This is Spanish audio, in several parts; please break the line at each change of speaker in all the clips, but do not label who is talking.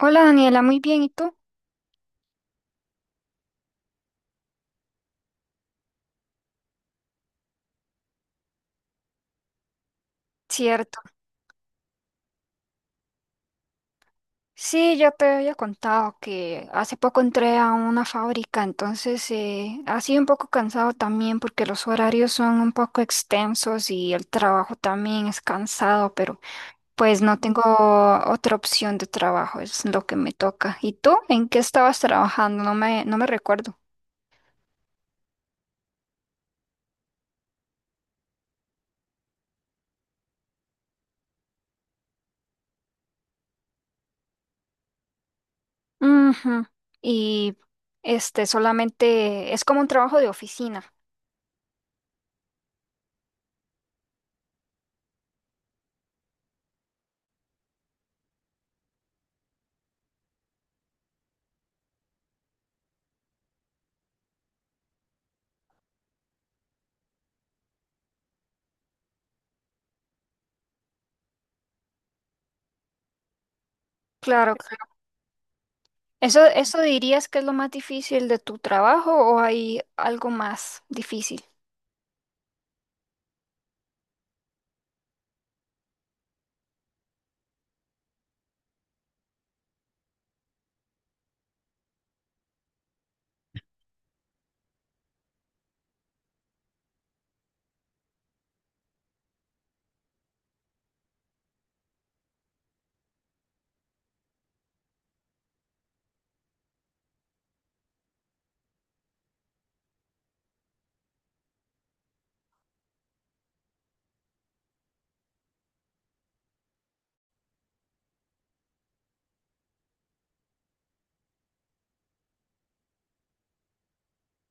Hola Daniela, muy bien, ¿y tú? Cierto. Sí, yo te había contado que hace poco entré a una fábrica, entonces ha sido un poco cansado también porque los horarios son un poco extensos y el trabajo también es cansado, pero pues no tengo otra opción de trabajo, es lo que me toca. ¿Y tú? ¿En qué estabas trabajando? No me recuerdo. Ujú. Y este solamente es como un trabajo de oficina. Claro. Eso dirías que es lo más difícil de tu trabajo o hay algo más difícil?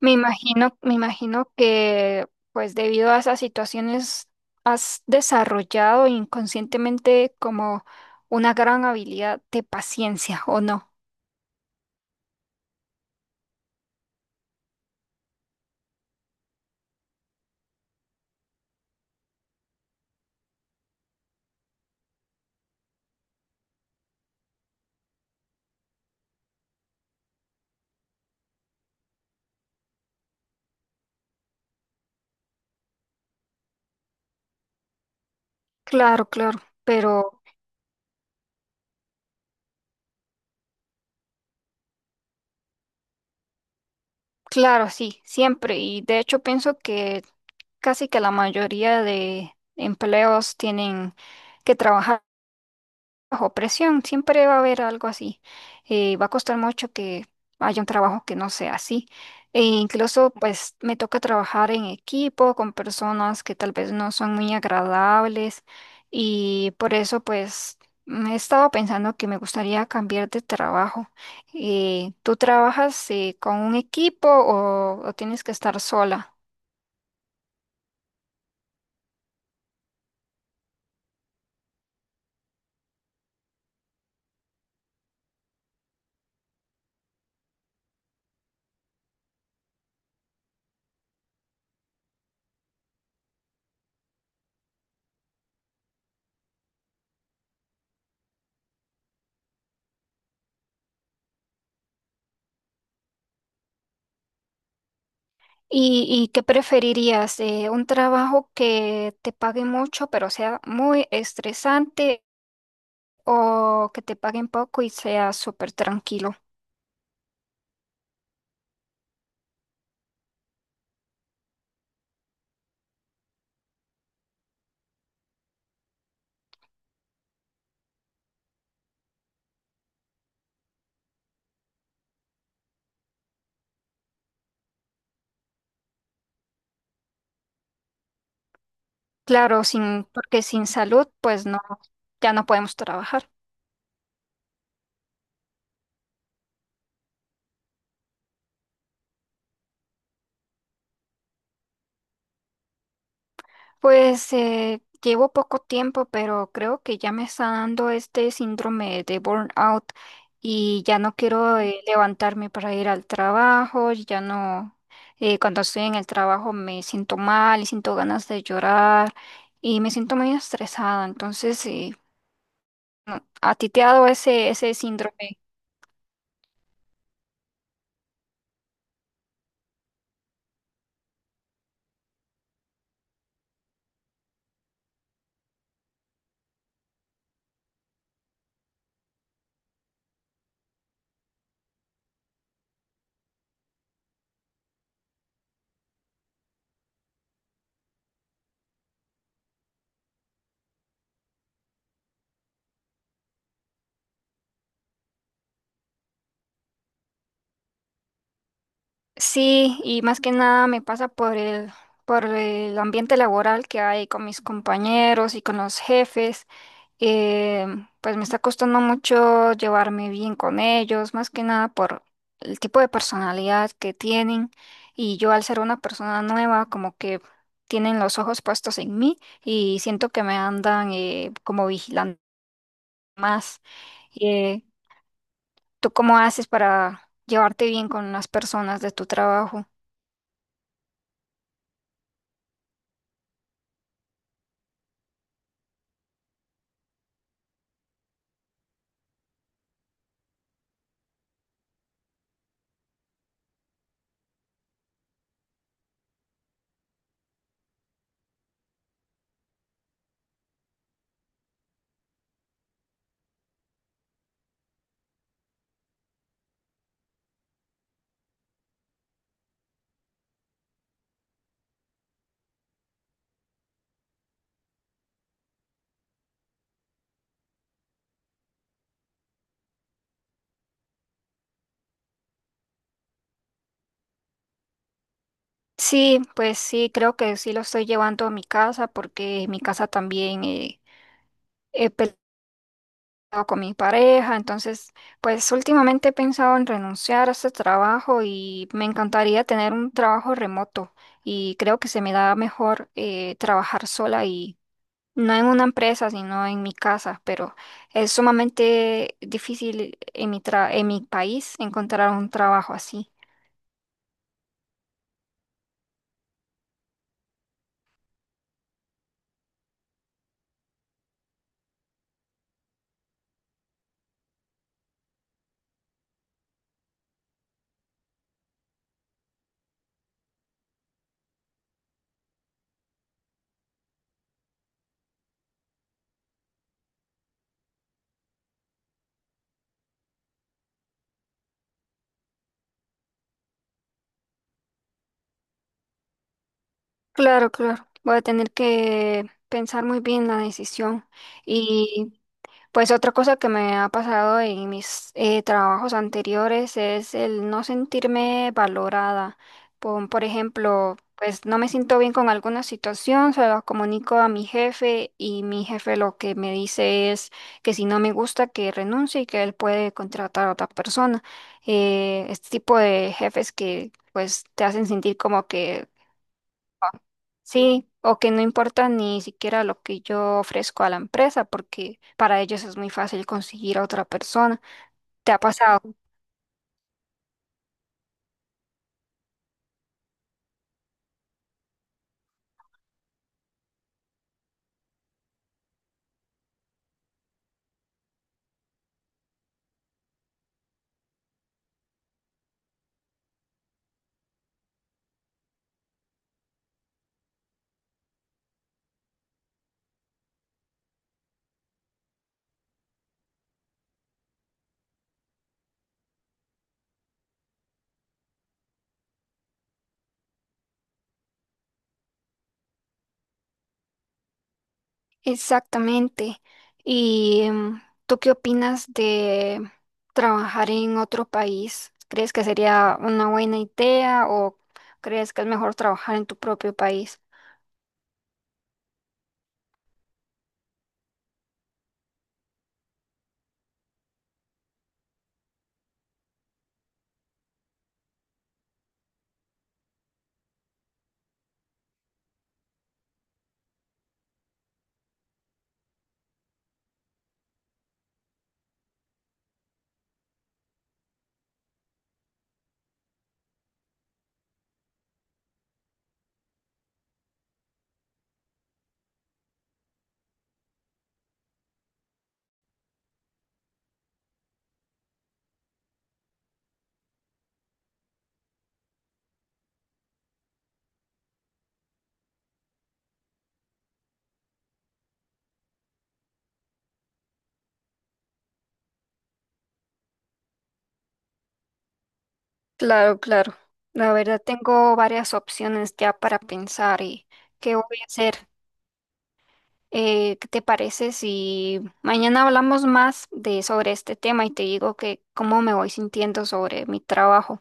Me imagino que pues debido a esas situaciones has desarrollado inconscientemente como una gran habilidad de paciencia, ¿o no? Claro, claro, pero claro, sí, siempre. Y de hecho pienso que casi que la mayoría de empleos tienen que trabajar bajo presión, siempre va a haber algo así. Va a costar mucho que haya un trabajo que no sea así. E incluso, pues, me toca trabajar en equipo con personas que tal vez no son muy agradables y por eso, pues, he estado pensando que me gustaría cambiar de trabajo. ¿Tú trabajas con un equipo o tienes que estar sola? Y qué preferirías? ¿Un trabajo que te pague mucho pero sea muy estresante o que te paguen poco y seas súper tranquilo? Claro, sin, porque sin salud, pues no, ya no podemos trabajar. Pues llevo poco tiempo, pero creo que ya me está dando este síndrome de burnout y ya no quiero levantarme para ir al trabajo, ya no, cuando estoy en el trabajo me siento mal y siento ganas de llorar y me siento muy estresada. Entonces, no, ¿a ti te ha dado ese síndrome? Sí, y más que nada me pasa por por el ambiente laboral que hay con mis compañeros y con los jefes. Eh, pues me está costando mucho llevarme bien con ellos, más que nada por el tipo de personalidad que tienen. Y yo al ser una persona nueva, como que tienen los ojos puestos en mí y siento que me andan como vigilando más. Eh, ¿Tú cómo haces para llevarte bien con las personas de tu trabajo? Sí, pues sí, creo que sí lo estoy llevando a mi casa porque en mi casa también he peleado con mi pareja, entonces pues últimamente he pensado en renunciar a este trabajo y me encantaría tener un trabajo remoto y creo que se me da mejor trabajar sola y no en una empresa, sino en mi casa, pero es sumamente difícil en en mi país encontrar un trabajo así. Claro, claro. Voy a tener que pensar muy bien la decisión. Y pues otra cosa que me ha pasado en mis trabajos anteriores es el no sentirme valorada. Por ejemplo, pues no me siento bien con alguna situación, se lo comunico a mi jefe y mi jefe lo que me dice es que si no me gusta que renuncie y que él puede contratar a otra persona. Este tipo de jefes que pues te hacen sentir como que... Sí, o que no importa ni siquiera lo que yo ofrezco a la empresa, porque para ellos es muy fácil conseguir a otra persona. ¿Te ha pasado? Exactamente. ¿Y tú qué opinas de trabajar en otro país? ¿Crees que sería una buena idea o crees que es mejor trabajar en tu propio país? Claro, claro. La verdad, tengo varias opciones ya para pensar y qué voy a hacer. ¿Qué te parece si mañana hablamos más de sobre este tema y te digo que cómo me voy sintiendo sobre mi trabajo?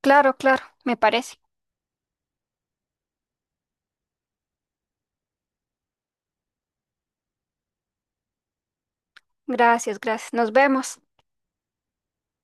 Claro, claro, me parece. Gracias, gracias. Nos vemos.